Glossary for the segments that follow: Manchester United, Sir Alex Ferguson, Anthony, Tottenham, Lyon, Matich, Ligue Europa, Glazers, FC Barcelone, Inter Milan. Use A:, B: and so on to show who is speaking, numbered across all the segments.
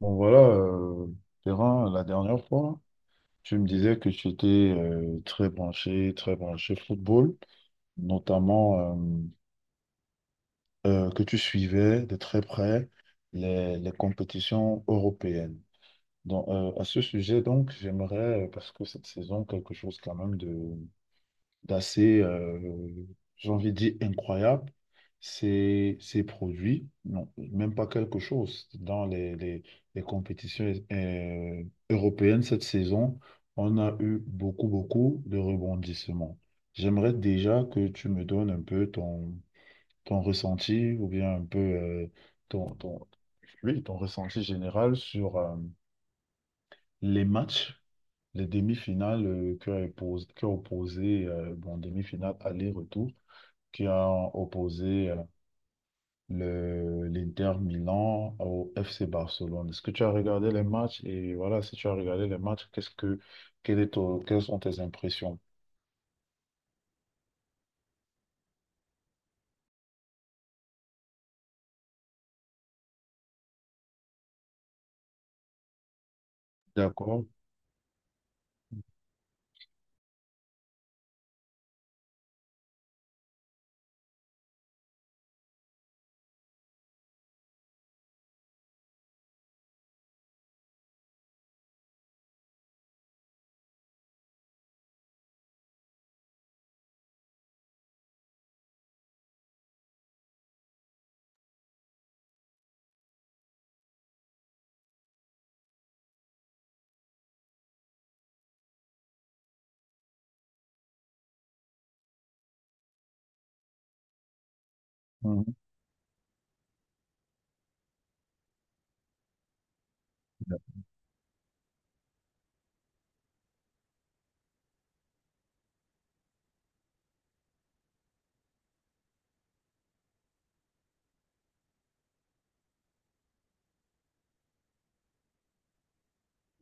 A: Bon voilà, Perrin, la dernière fois, tu me disais que tu étais très branché football, notamment que tu suivais de très près les compétitions européennes. Donc, à ce sujet, donc, j'aimerais, parce que cette saison, quelque chose quand même de d'assez, j'ai envie de dire, incroyable. Ces produits, non, même pas quelque chose. Dans les compétitions européennes cette saison, on a eu beaucoup, beaucoup de rebondissements. J'aimerais déjà que tu me donnes un peu ton ressenti ou bien un peu ton, ton, oui, ton ressenti général sur les matchs, les demi-finales qui ont opposé bon, demi-finale aller-retour qui ont opposé l'Inter Milan au FC Barcelone. Est-ce que tu as regardé les matchs? Et voilà, si tu as regardé les matchs, quelles sont tes impressions? D'accord. Mhm.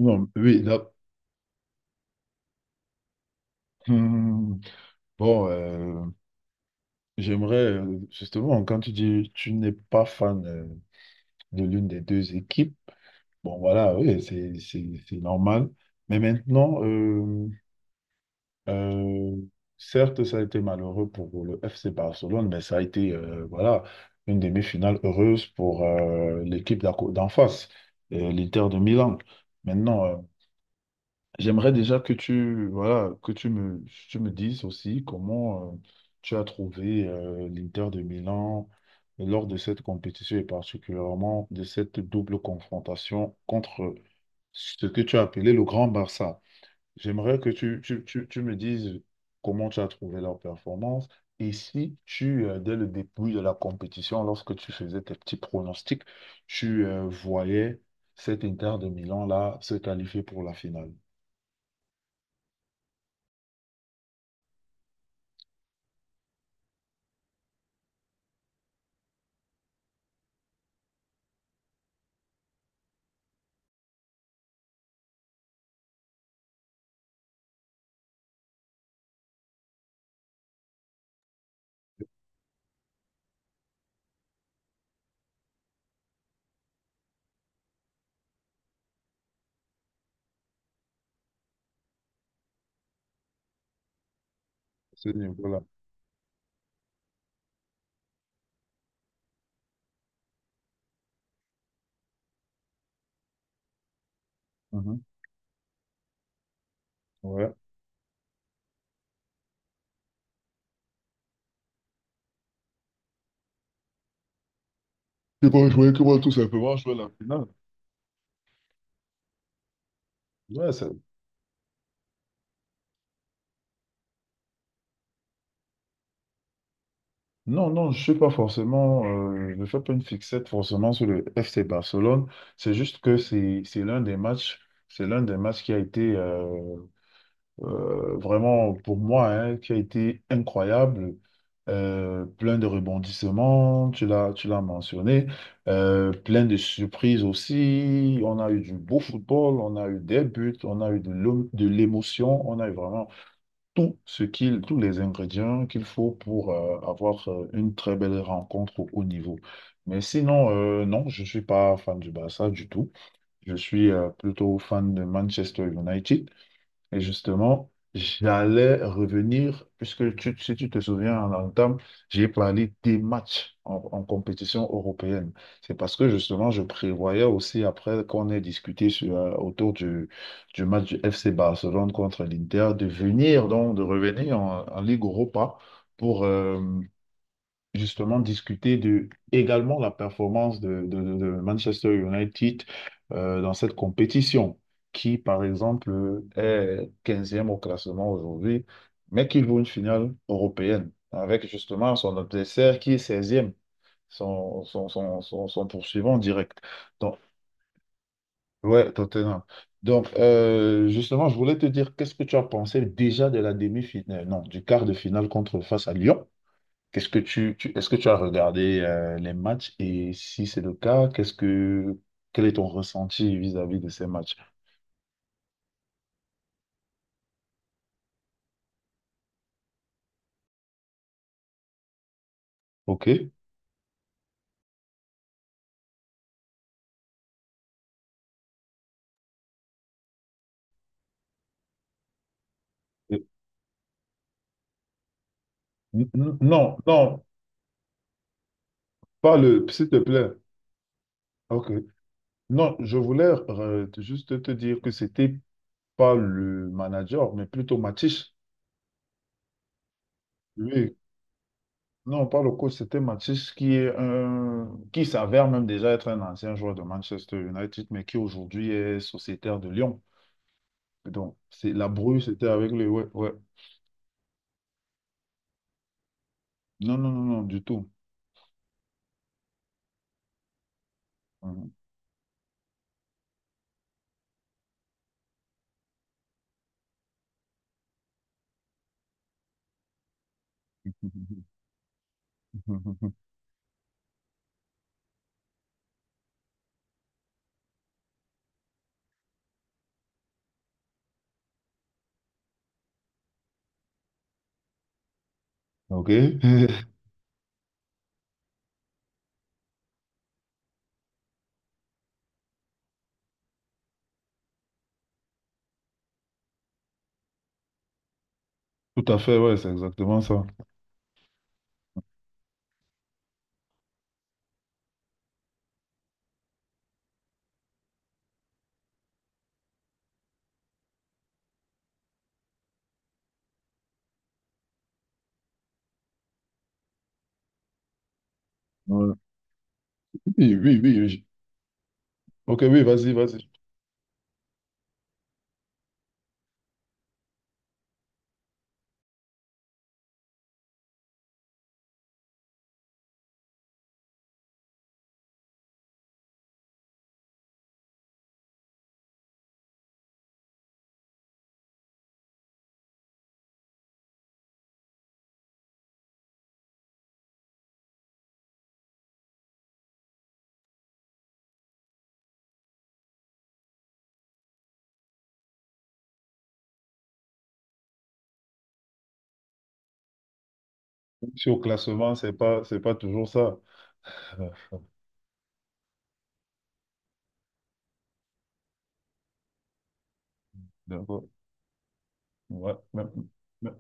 A: Non, oui, hmm. Bon, j'aimerais justement, quand tu dis tu n'es pas fan de l'une des deux équipes, bon voilà, oui, c'est normal. Mais maintenant, Euh, certes, ça a été malheureux pour le FC Barcelone, mais ça a été voilà, une demi-finale heureuse pour l'équipe d'en face, l'Inter de Milan. Maintenant, j'aimerais déjà que tu, voilà, tu me dises aussi comment tu as trouvé l'Inter de Milan lors de cette compétition et particulièrement de cette double confrontation contre ce que tu as appelé le Grand Barça. J'aimerais que tu me dises comment tu as trouvé leur performance et si tu, dès le début de la compétition, lorsque tu faisais tes petits pronostics, tu voyais cet Inter de Milan-là se qualifier pour la finale. Ce niveau-là. Mhm. Ouais. Ils vont jouer, qu'ils vont tout simplement jouer la finale. Ouais, c'est- non, non, je suis pas forcément, je ne fais pas une fixette forcément sur le FC Barcelone. C'est juste que c'est l'un des matchs, c'est l'un des matchs qui a été vraiment pour moi, hein, qui a été incroyable, plein de rebondissements, tu l'as mentionné, plein de surprises aussi. On a eu du beau football, on a eu des buts, on a eu de l'émotion, on a eu vraiment tous les ingrédients qu'il faut pour avoir une très belle rencontre au haut niveau. Mais sinon, non, je ne suis pas fan du Barça du tout. Je suis plutôt fan de Manchester United. Et justement, j'allais revenir, puisque si tu te souviens, en entame, j'ai parlé des matchs en compétition européenne. C'est parce que justement, je prévoyais aussi, après qu'on ait discuté sur, autour du match du FC Barcelone contre l'Inter, de venir, donc de revenir en Ligue Europa pour, justement discuter de également la performance de Manchester United dans cette compétition, qui par exemple est quinzième au classement aujourd'hui, mais qui joue une finale européenne avec justement son adversaire qui est seizième e son poursuivant direct. Donc, ouais, Tottenham. Donc, justement, je voulais te dire, qu'est-ce que tu as pensé déjà de la demi-finale, non, du quart de finale contre face à Lyon? Qu'est-ce que est-ce que tu as regardé les matchs et si c'est le cas, qu'est-ce que quel est ton ressenti vis-à-vis de ces matchs? OK. Non, non, pas le, s'il te plaît. OK. Non, je voulais juste te dire que c'était pas le manager, mais plutôt Matich. Oui. Non, pas le coach, c'était Matich qui est un, qui s'avère même déjà être un ancien joueur de Manchester United, mais qui aujourd'hui est sociétaire de Lyon. Donc, c'est la brouille, c'était avec lui. Ouais, ouais. Non, non, non, non, du tout. Ok. Tout à fait, ouais, c'est exactement ça. Ouais. Oui, oui, oui, oui. Ok, oui, vas-y, vas-y. Si au classement, c'est pas toujours ça. Euh, d'accord. Ouais. Mais-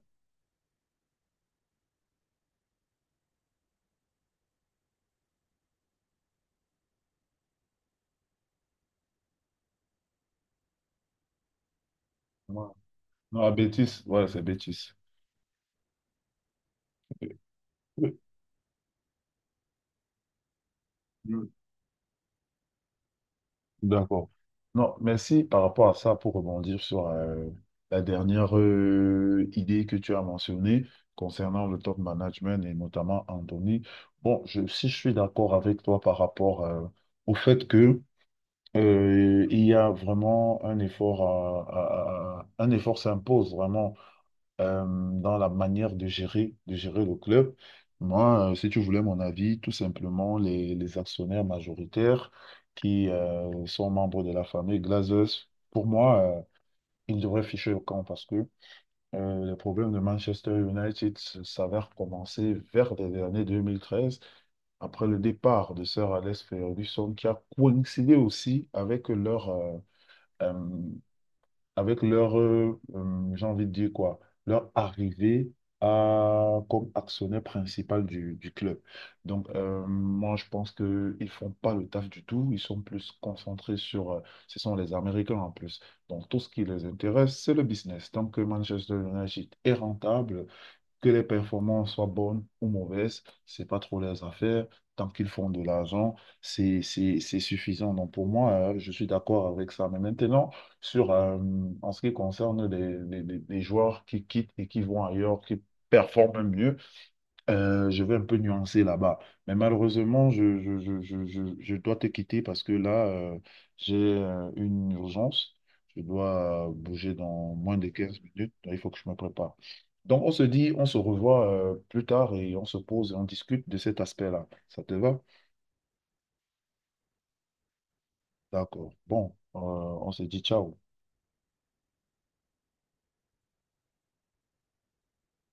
A: ouais. Non, à bêtise. Ouais, c'est bêtise. D'accord. Non, merci par rapport à ça pour rebondir sur la dernière idée que tu as mentionnée concernant le top management et notamment Anthony. Bon, je, si je suis d'accord avec toi par rapport au fait que il y a vraiment un effort un effort s'impose vraiment dans la manière de gérer le club. Moi, si tu voulais mon avis, tout simplement, les actionnaires majoritaires qui sont membres de la famille Glazers, pour moi, ils devraient ficher au camp parce que les problèmes de Manchester United s'avèrent commencer vers les années 2013, après le départ de Sir Alex Ferguson, qui a coïncidé aussi avec euh, avec leur, j'ai envie de dire quoi, leur arrivée à, comme actionnaire principal du club. Donc, moi, je pense qu'ils ne font pas le taf du tout. Ils sont plus concentrés sur, ce sont les Américains en plus. Donc, tout ce qui les intéresse, c'est le business. Tant que Manchester United est rentable, que les performances soient bonnes ou mauvaises, c'est pas trop leurs affaires. Tant qu'ils font de l'argent, c'est suffisant. Donc pour moi, je suis d'accord avec ça. Mais maintenant, sur, en ce qui concerne les joueurs qui quittent et qui vont ailleurs, qui performent mieux, je vais un peu nuancer là-bas. Mais malheureusement, je dois te quitter parce que là, j'ai une urgence. Je dois bouger dans moins de 15 minutes. Il faut que je me prépare. Donc, on se dit, on se revoit plus tard et on se pose et on discute de cet aspect-là. Ça te va? D'accord. Bon, on se dit ciao.